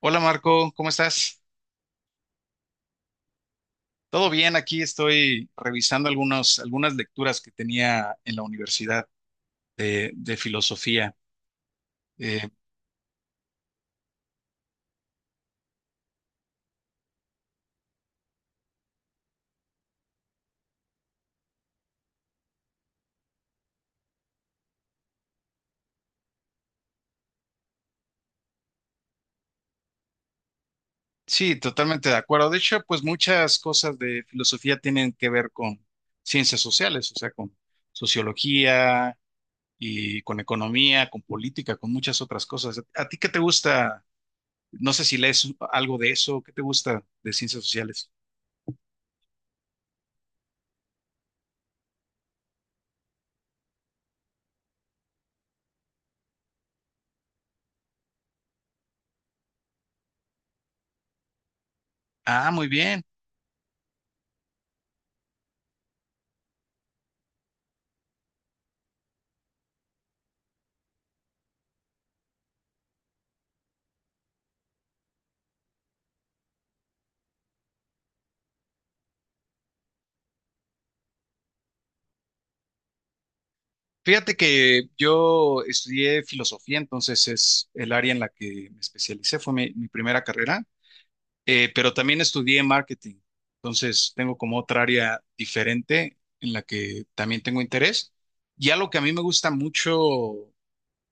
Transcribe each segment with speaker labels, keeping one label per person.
Speaker 1: Hola Marco, ¿cómo estás? Todo bien, aquí estoy revisando algunas lecturas que tenía en la universidad de filosofía. Eh, sí, totalmente de acuerdo. De hecho, pues muchas cosas de filosofía tienen que ver con ciencias sociales, o sea, con sociología y con economía, con política, con muchas otras cosas. ¿A ti qué te gusta? No sé si lees algo de eso, ¿qué te gusta de ciencias sociales? Ah, muy bien. Fíjate que yo estudié filosofía, entonces es el área en la que me especialicé, fue mi primera carrera, pero también estudié marketing, entonces tengo como otra área diferente en la que también tengo interés. Y algo que a mí me gusta mucho,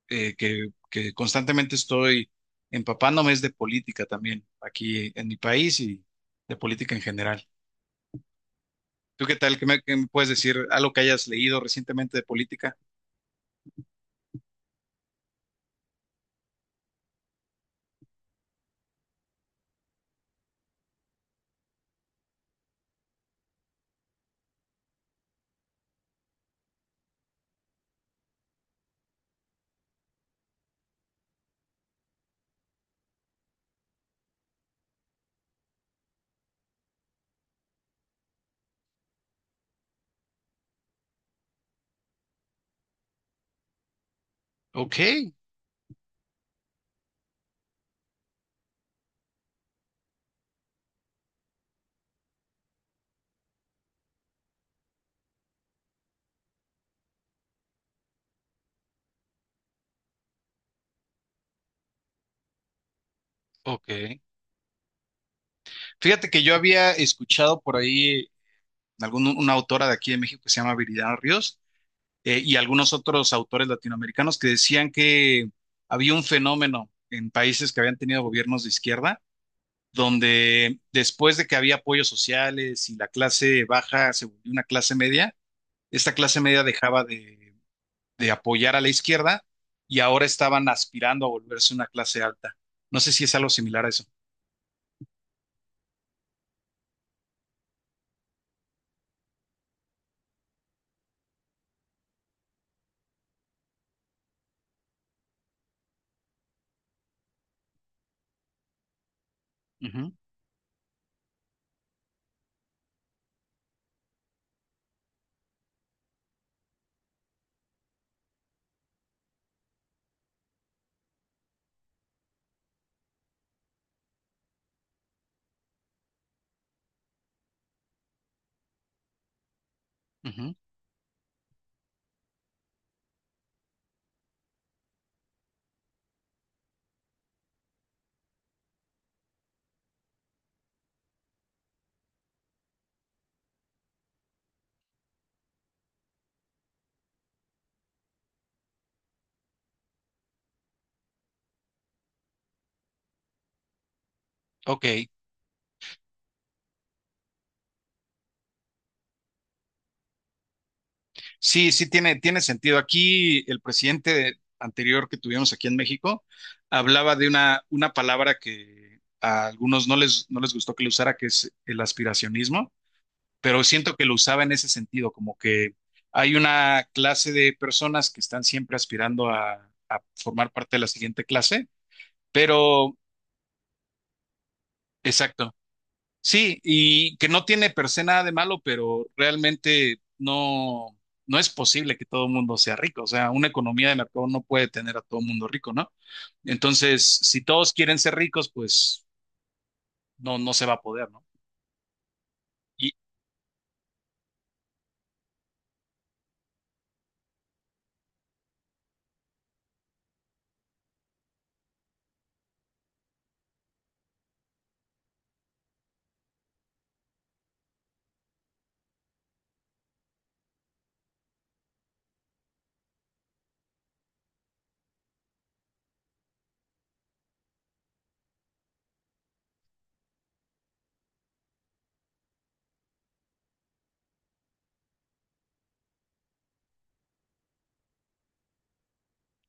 Speaker 1: que constantemente estoy empapándome es de política también, aquí en mi país y de política en general. ¿Tú qué tal? ¿Qué me puedes decir? ¿Algo que hayas leído recientemente de política? Ok, ok. Fíjate que yo había escuchado por ahí algún, una autora de aquí de México que se llama Viridiana Ríos y algunos otros autores latinoamericanos que decían que había un fenómeno en países que habían tenido gobiernos de izquierda, donde después de que había apoyos sociales y la clase baja se volvió una clase media, esta clase media dejaba de apoyar a la izquierda y ahora estaban aspirando a volverse una clase alta. No sé si es algo similar a eso. Ujú, ujú. Ok. Sí, sí tiene, tiene sentido. Aquí el presidente anterior que tuvimos aquí en México hablaba de una palabra que a algunos no les gustó que lo usara, que es el aspiracionismo, pero siento que lo usaba en ese sentido, como que hay una clase de personas que están siempre aspirando a formar parte de la siguiente clase, pero exacto. Sí, y que no tiene per se nada de malo, pero realmente no es posible que todo el mundo sea rico. O sea, una economía de mercado no puede tener a todo el mundo rico, ¿no? Entonces, si todos quieren ser ricos, pues no se va a poder, ¿no? Y,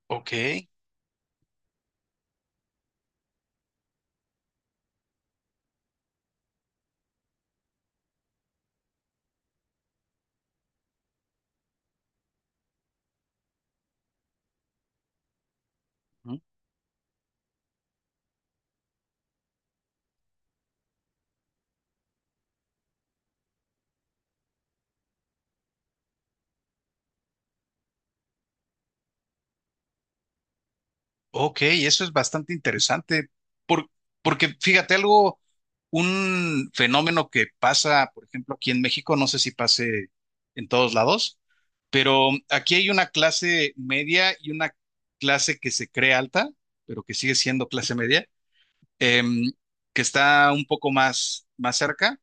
Speaker 1: ok. Ok, eso es bastante interesante, por- porque fíjate algo, un fenómeno que pasa, por ejemplo, aquí en México, no sé si pase en todos lados, pero aquí hay una clase media y una clase que se cree alta, pero que sigue siendo clase media, em, que está un poco más cerca,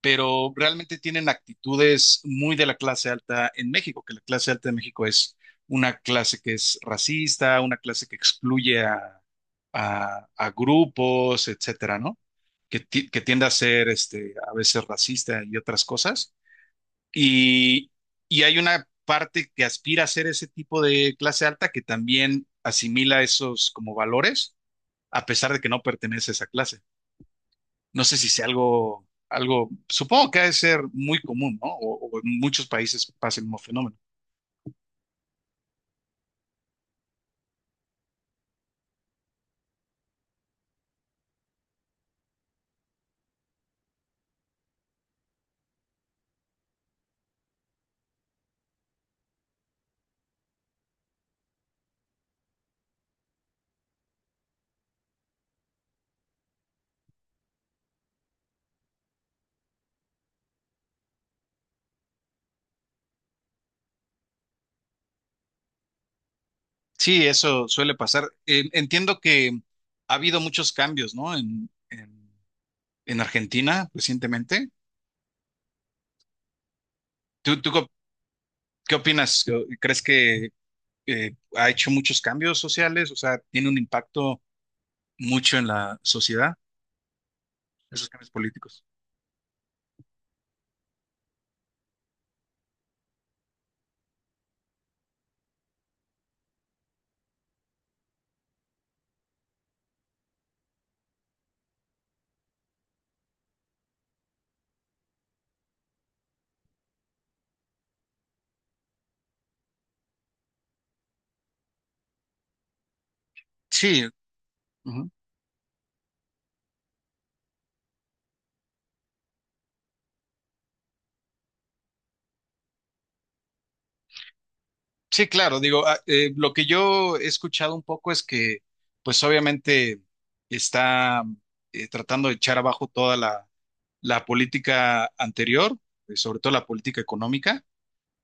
Speaker 1: pero realmente tienen actitudes muy de la clase alta en México, que la clase alta de México es una clase que es racista, una clase que excluye a grupos, etcétera, ¿no? Que tiende a ser este, a veces racista y otras cosas. Y, y hay una parte que aspira a ser ese tipo de clase alta que también asimila esos como valores, a pesar de que no pertenece a esa clase. No sé si sea supongo que ha de ser muy común, ¿no? O en muchos países pasa el mismo fenómeno. Sí, eso suele pasar. Entiendo que ha habido muchos cambios, ¿no? En Argentina recientemente. ¿Tú qué opinas? ¿Crees que ha hecho muchos cambios sociales? O sea, ¿tiene un impacto mucho en la sociedad, esos cambios políticos? Sí. Sí, claro, digo, lo que yo he escuchado un poco es que, pues obviamente está tratando de echar abajo toda la política anterior, sobre todo la política económica,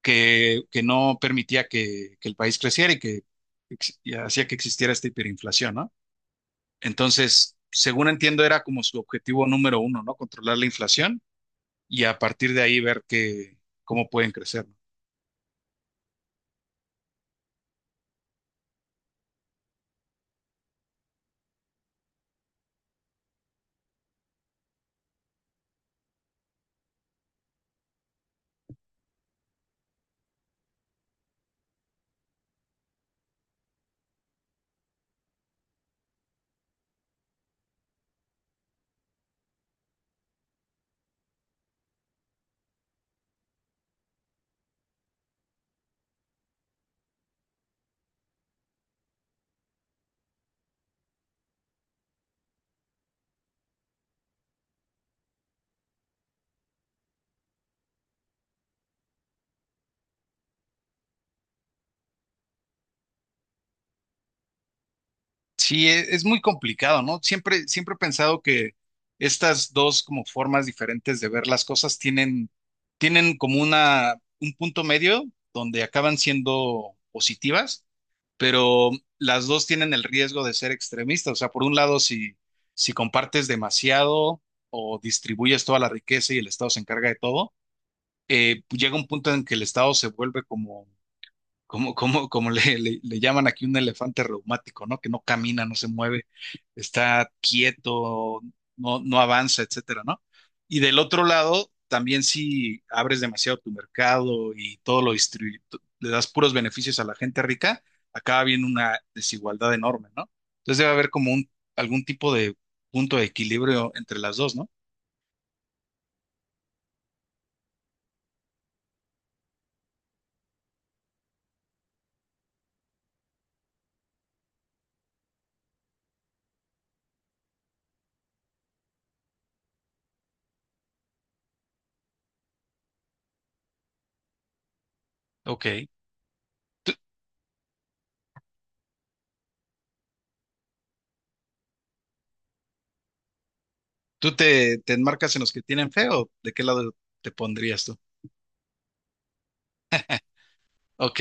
Speaker 1: que no permitía que el país creciera y que y hacía que existiera esta hiperinflación, ¿no? Entonces, según entiendo, era como su objetivo número uno, ¿no? Controlar la inflación y a partir de ahí ver cómo pueden crecer. Sí, es muy complicado, ¿no? Siempre he pensado que estas dos como formas diferentes de ver las cosas tienen como un punto medio donde acaban siendo positivas, pero las dos tienen el riesgo de ser extremistas. O sea, por un lado, si compartes demasiado o distribuyes toda la riqueza y el Estado se encarga de todo, llega un punto en que el Estado se vuelve como le llaman aquí un elefante reumático, ¿no? Que no camina, no se mueve, está quieto, no avanza, etcétera, ¿no? Y del otro lado, también si abres demasiado tu mercado y todo lo distribuyes, le das puros beneficios a la gente rica, acaba viendo una desigualdad enorme, ¿no? Entonces debe haber como algún tipo de punto de equilibrio entre las dos, ¿no? Ok. ¿Te enmarcas en los que tienen fe o de qué lado te pondrías tú? Ok.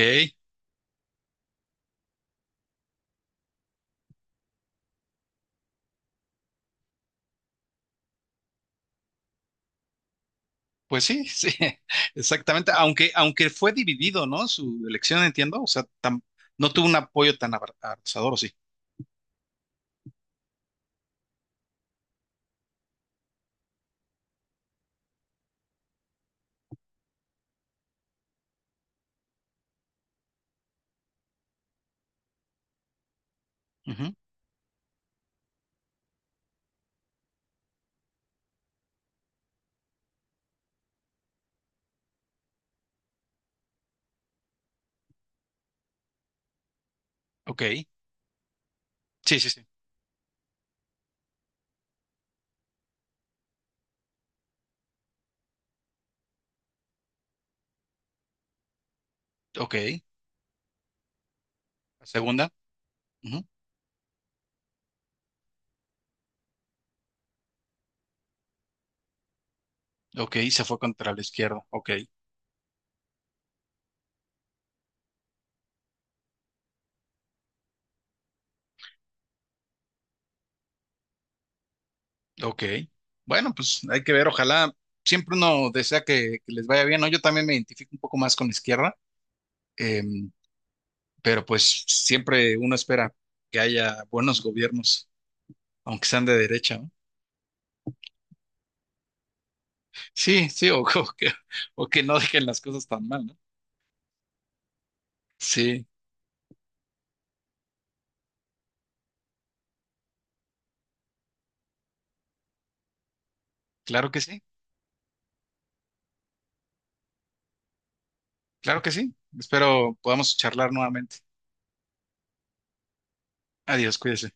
Speaker 1: Pues sí, sí, exactamente. Aunque, aunque fue dividido, ¿no? Su elección, entiendo. O sea, no tuvo un apoyo tan abrazador, ¿o sí? Ujú. Ok. Sí, sí, sí. Ok. La segunda. Ujú. Ok. Se fue contra la izquierda. Ok. Ok. Bueno, pues hay que ver. Ojalá, siempre uno desea que les vaya bien, ¿no? Yo también me identifico un poco más con la izquierda, em, pero pues siempre uno espera que haya buenos gobiernos, aunque sean de derecha, ¿no? Sí, sí, o, que, o que no dejen las cosas tan mal, ¿no? Sí, claro que sí, claro que sí. Espero podamos charlar nuevamente. Adiós, cuídese.